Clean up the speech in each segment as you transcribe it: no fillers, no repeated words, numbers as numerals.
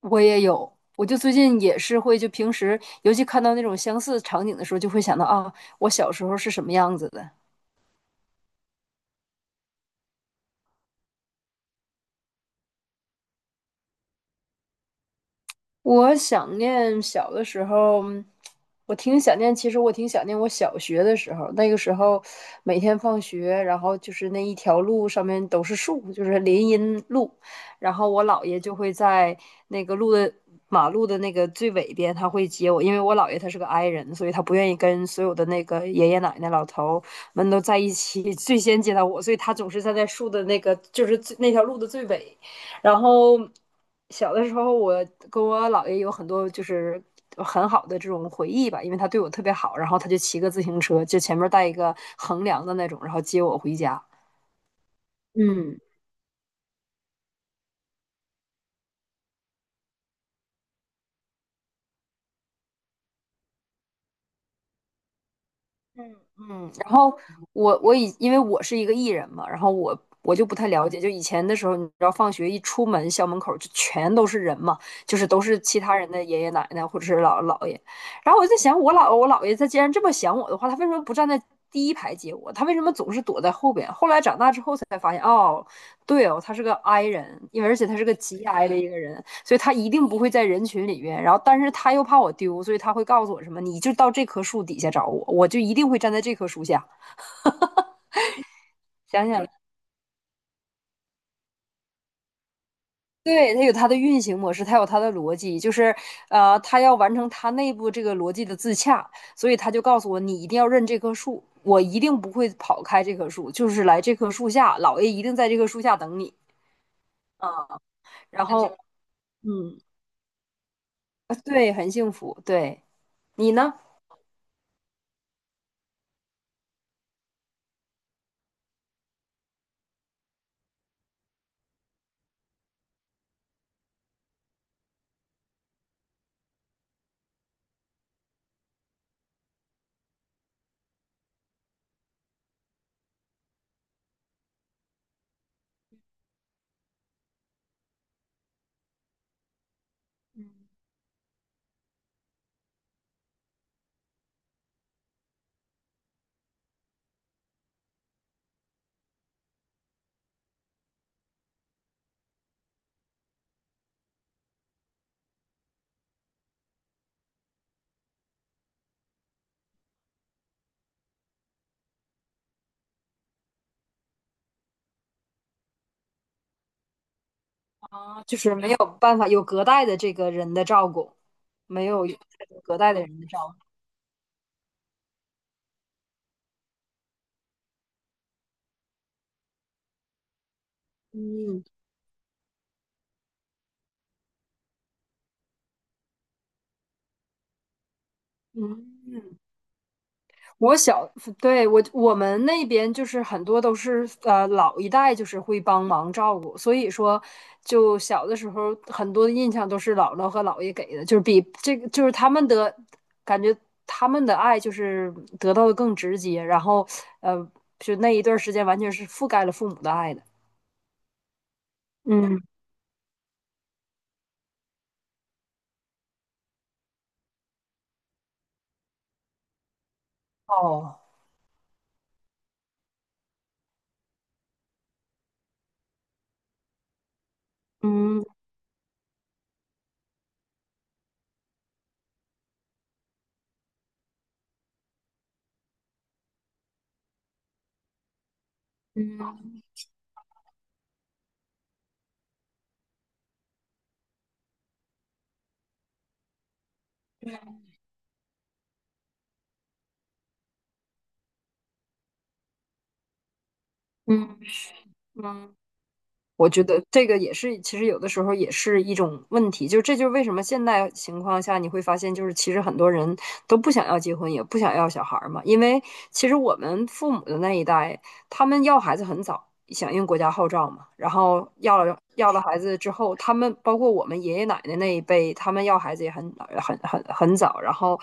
我也有，我就最近也是会，就平时尤其看到那种相似场景的时候，就会想到啊，我小时候是什么样子的。我想念小的时候，我挺想念。其实我挺想念我小学的时候，那个时候每天放学，然后就是那一条路上面都是树，就是林荫路。然后我姥爷就会在那个路的马路的那个最尾边，他会接我，因为我姥爷他是个 i 人，所以他不愿意跟所有的那个爷爷奶奶、老头们都在一起，最先接到我，所以他总是站在树的那个，就是最那条路的最尾。然后小的时候，我跟我姥爷有很多就是很好的这种回忆吧，因为他对我特别好，然后他就骑个自行车，就前面带一个横梁的那种，然后接我回家。嗯嗯嗯，然后我我以因为我是一个艺人嘛，然后我就不太了解，就以前的时候，你知道放学一出门，校门口就全都是人嘛，就是都是其他人的爷爷奶奶或者是姥姥姥爷，然后我就在想，我姥爷他既然这么想我的话，他为什么不站在第一排接我？他为什么总是躲在后边？后来长大之后才发现，哦，对哦，他是个 I 人，而且他是个极 I 的一个人，所以他一定不会在人群里面。然后，但是他又怕我丢，所以他会告诉我什么，你就到这棵树底下找我，我就一定会站在这棵树下。想想，对，它有它的运行模式，它有它的逻辑，就是它要完成它内部这个逻辑的自洽，所以他就告诉我，你一定要认这棵树，我一定不会跑开这棵树，就是来这棵树下，老爷一定在这棵树下等你。啊。嗯然后，嗯，啊对，很幸福。对，你呢？就是没有办法有隔代的这个人的照顾，没有隔代的人的照顾。嗯嗯，我小，对，我们那边就是很多都是老一代就是会帮忙照顾，所以说就小的时候很多的印象都是姥姥和姥爷给的，就是比这个就是他们的感觉他们的爱就是得到的更直接，然后呃就那一段时间完全是覆盖了父母的爱的。嗯，哦，嗯嗯。嗯嗯，我觉得这个也是，其实有的时候也是一种问题，就这就是为什么现在情况下你会发现，就是其实很多人都不想要结婚，也不想要小孩儿嘛，因为其实我们父母的那一代，他们要孩子很早，响应国家号召嘛。然后要了孩子之后，他们包括我们爷爷奶奶那一辈，他们要孩子也很早，然后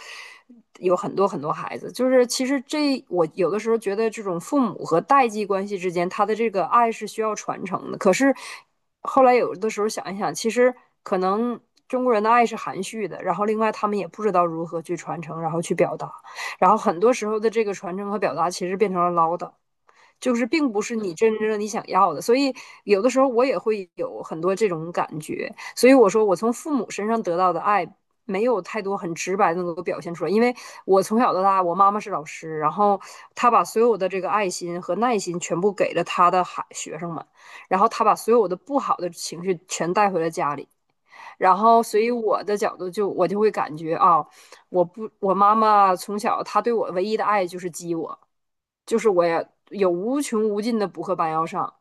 有很多很多孩子。就是其实这我有的时候觉得，这种父母和代际关系之间，他的这个爱是需要传承的。可是后来有的时候想一想，其实可能。中国人的爱是含蓄的，然后另外他们也不知道如何去传承，然后去表达，然后很多时候的这个传承和表达其实变成了唠叨，就是并不是你真正你想要的，所以有的时候我也会有很多这种感觉。所以我说，我从父母身上得到的爱没有太多很直白的能够表现出来，因为我从小到大，我妈妈是老师，然后她把所有的这个爱心和耐心全部给了她的学生们，然后她把所有的不好的情绪全带回了家里，然后所以我的角度就我就会感觉啊，哦我不，我妈妈从小她对我唯一的爱就是激我。就是我也有无穷无尽的补课班要上，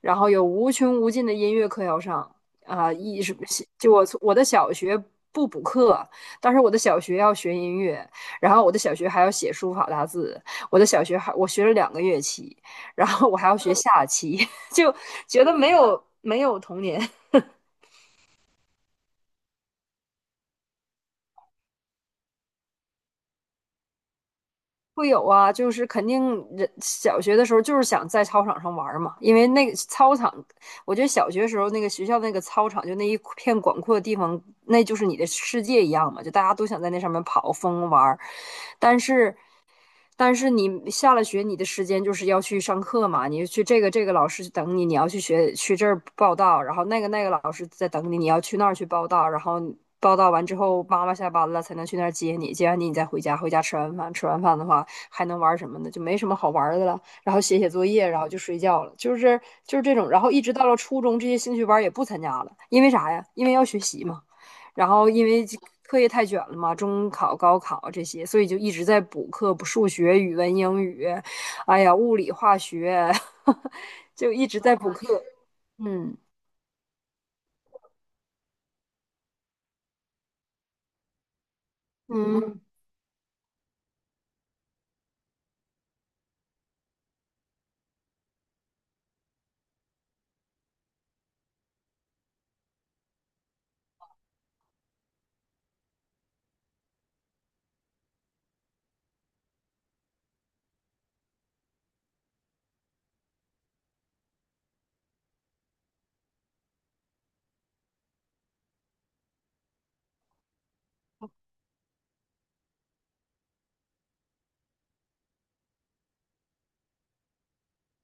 然后有无穷无尽的音乐课要上啊，就我从我的小学不补课，但是我的小学要学音乐，然后我的小学还要写书法大字，我的小学还我学了两个乐器，然后我还要学下棋，就觉得没有没有童年。会有啊，就是肯定人小学的时候就是想在操场上玩嘛，因为那个操场，我觉得小学时候那个学校那个操场就那一片广阔的地方，那就是你的世界一样嘛，就大家都想在那上面跑疯玩儿。但是但是你下了学，你的时间就是要去上课嘛，你去这个老师等你，你要去学去这儿报到，然后那个老师在等你，你要去那儿去报到，然后报到完之后，妈妈下班了才能去那儿接你，接完你你再回家，回家吃完饭，吃完饭的话还能玩什么呢？就没什么好玩的了，然后写写作业，然后就睡觉了，就是这种，然后一直到了初中，这些兴趣班也不参加了，因为啥呀？因为要学习嘛。然后因为课业太卷了嘛，中考、高考这些，所以就一直在补课，补数学、语文、英语，哎呀，物理、化学，就一直在补课。嗯嗯，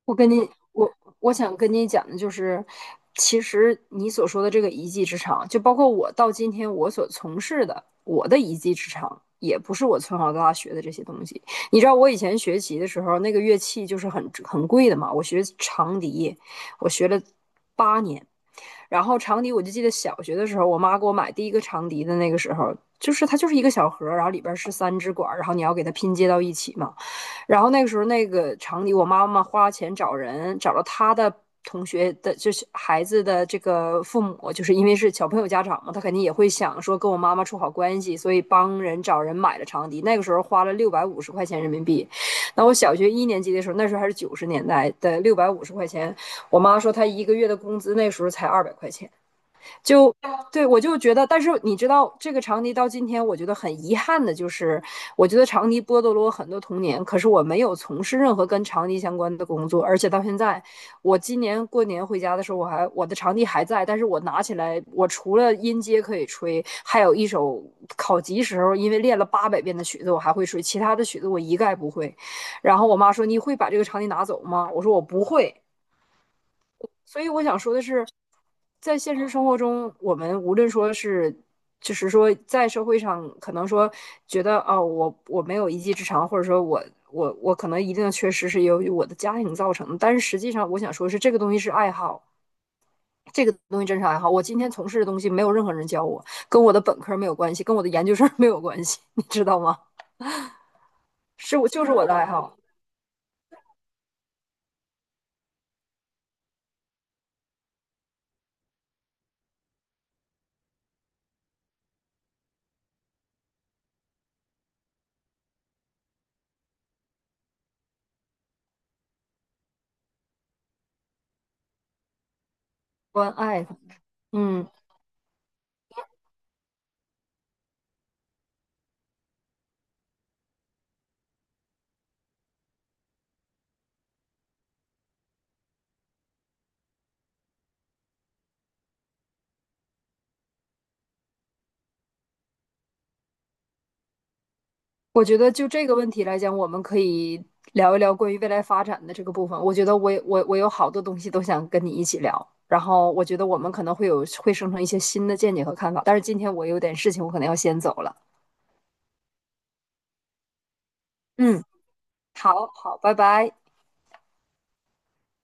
我跟你，我我想跟你讲的就是，其实你所说的这个一技之长，就包括我到今天我所从事的我的一技之长，也不是我从小到大学的这些东西。你知道我以前学习的时候，那个乐器就是很贵的嘛，我学长笛，我学了8年。然后长笛，我就记得小学的时候，我妈给我买第一个长笛的那个时候，就是它就是一个小盒儿，然后里边儿是三支管儿，然后你要给它拼接到一起嘛。然后那个时候那个长笛我妈妈花钱找人，找了她的同学的，就是孩子的这个父母，就是因为是小朋友家长嘛，他肯定也会想说跟我妈妈处好关系，所以帮人找人买了长笛。那个时候花了六百五十块钱人民币。那我小学一年级的时候，那时候还是90年代的六百五十块钱，我妈说她一个月的工资那时候才200块钱。就对我就觉得，但是你知道，这个长笛到今天，我觉得很遗憾的就是，我觉得长笛剥夺了我很多童年。可是我没有从事任何跟长笛相关的工作，而且到现在，我今年过年回家的时候，我的长笛还在，但是我拿起来，我除了音阶可以吹，还有一首考级时候因为练了800遍的曲子，我还会吹，其他的曲子我一概不会。然后我妈说：“你会把这个长笛拿走吗？”我说：“我不会。”所以我想说的是，在现实生活中，我们无论说是，就是说在社会上，可能说觉得哦，我没有一技之长，或者说我可能一定的缺失是由于我的家庭造成的。但是实际上，我想说是这个东西是爱好，这个东西真是爱好。我今天从事的东西没有任何人教我，跟我的本科没有关系，跟我的研究生没有关系，你知道吗？是我就是我的爱好，关爱，嗯。我觉得就这个问题来讲，我们可以聊一聊关于未来发展的这个部分。我觉得我有好多东西都想跟你一起聊，然后我觉得我们可能会有会生成一些新的见解和看法。但是今天我有点事情，我可能要先走了。嗯，好好，拜拜。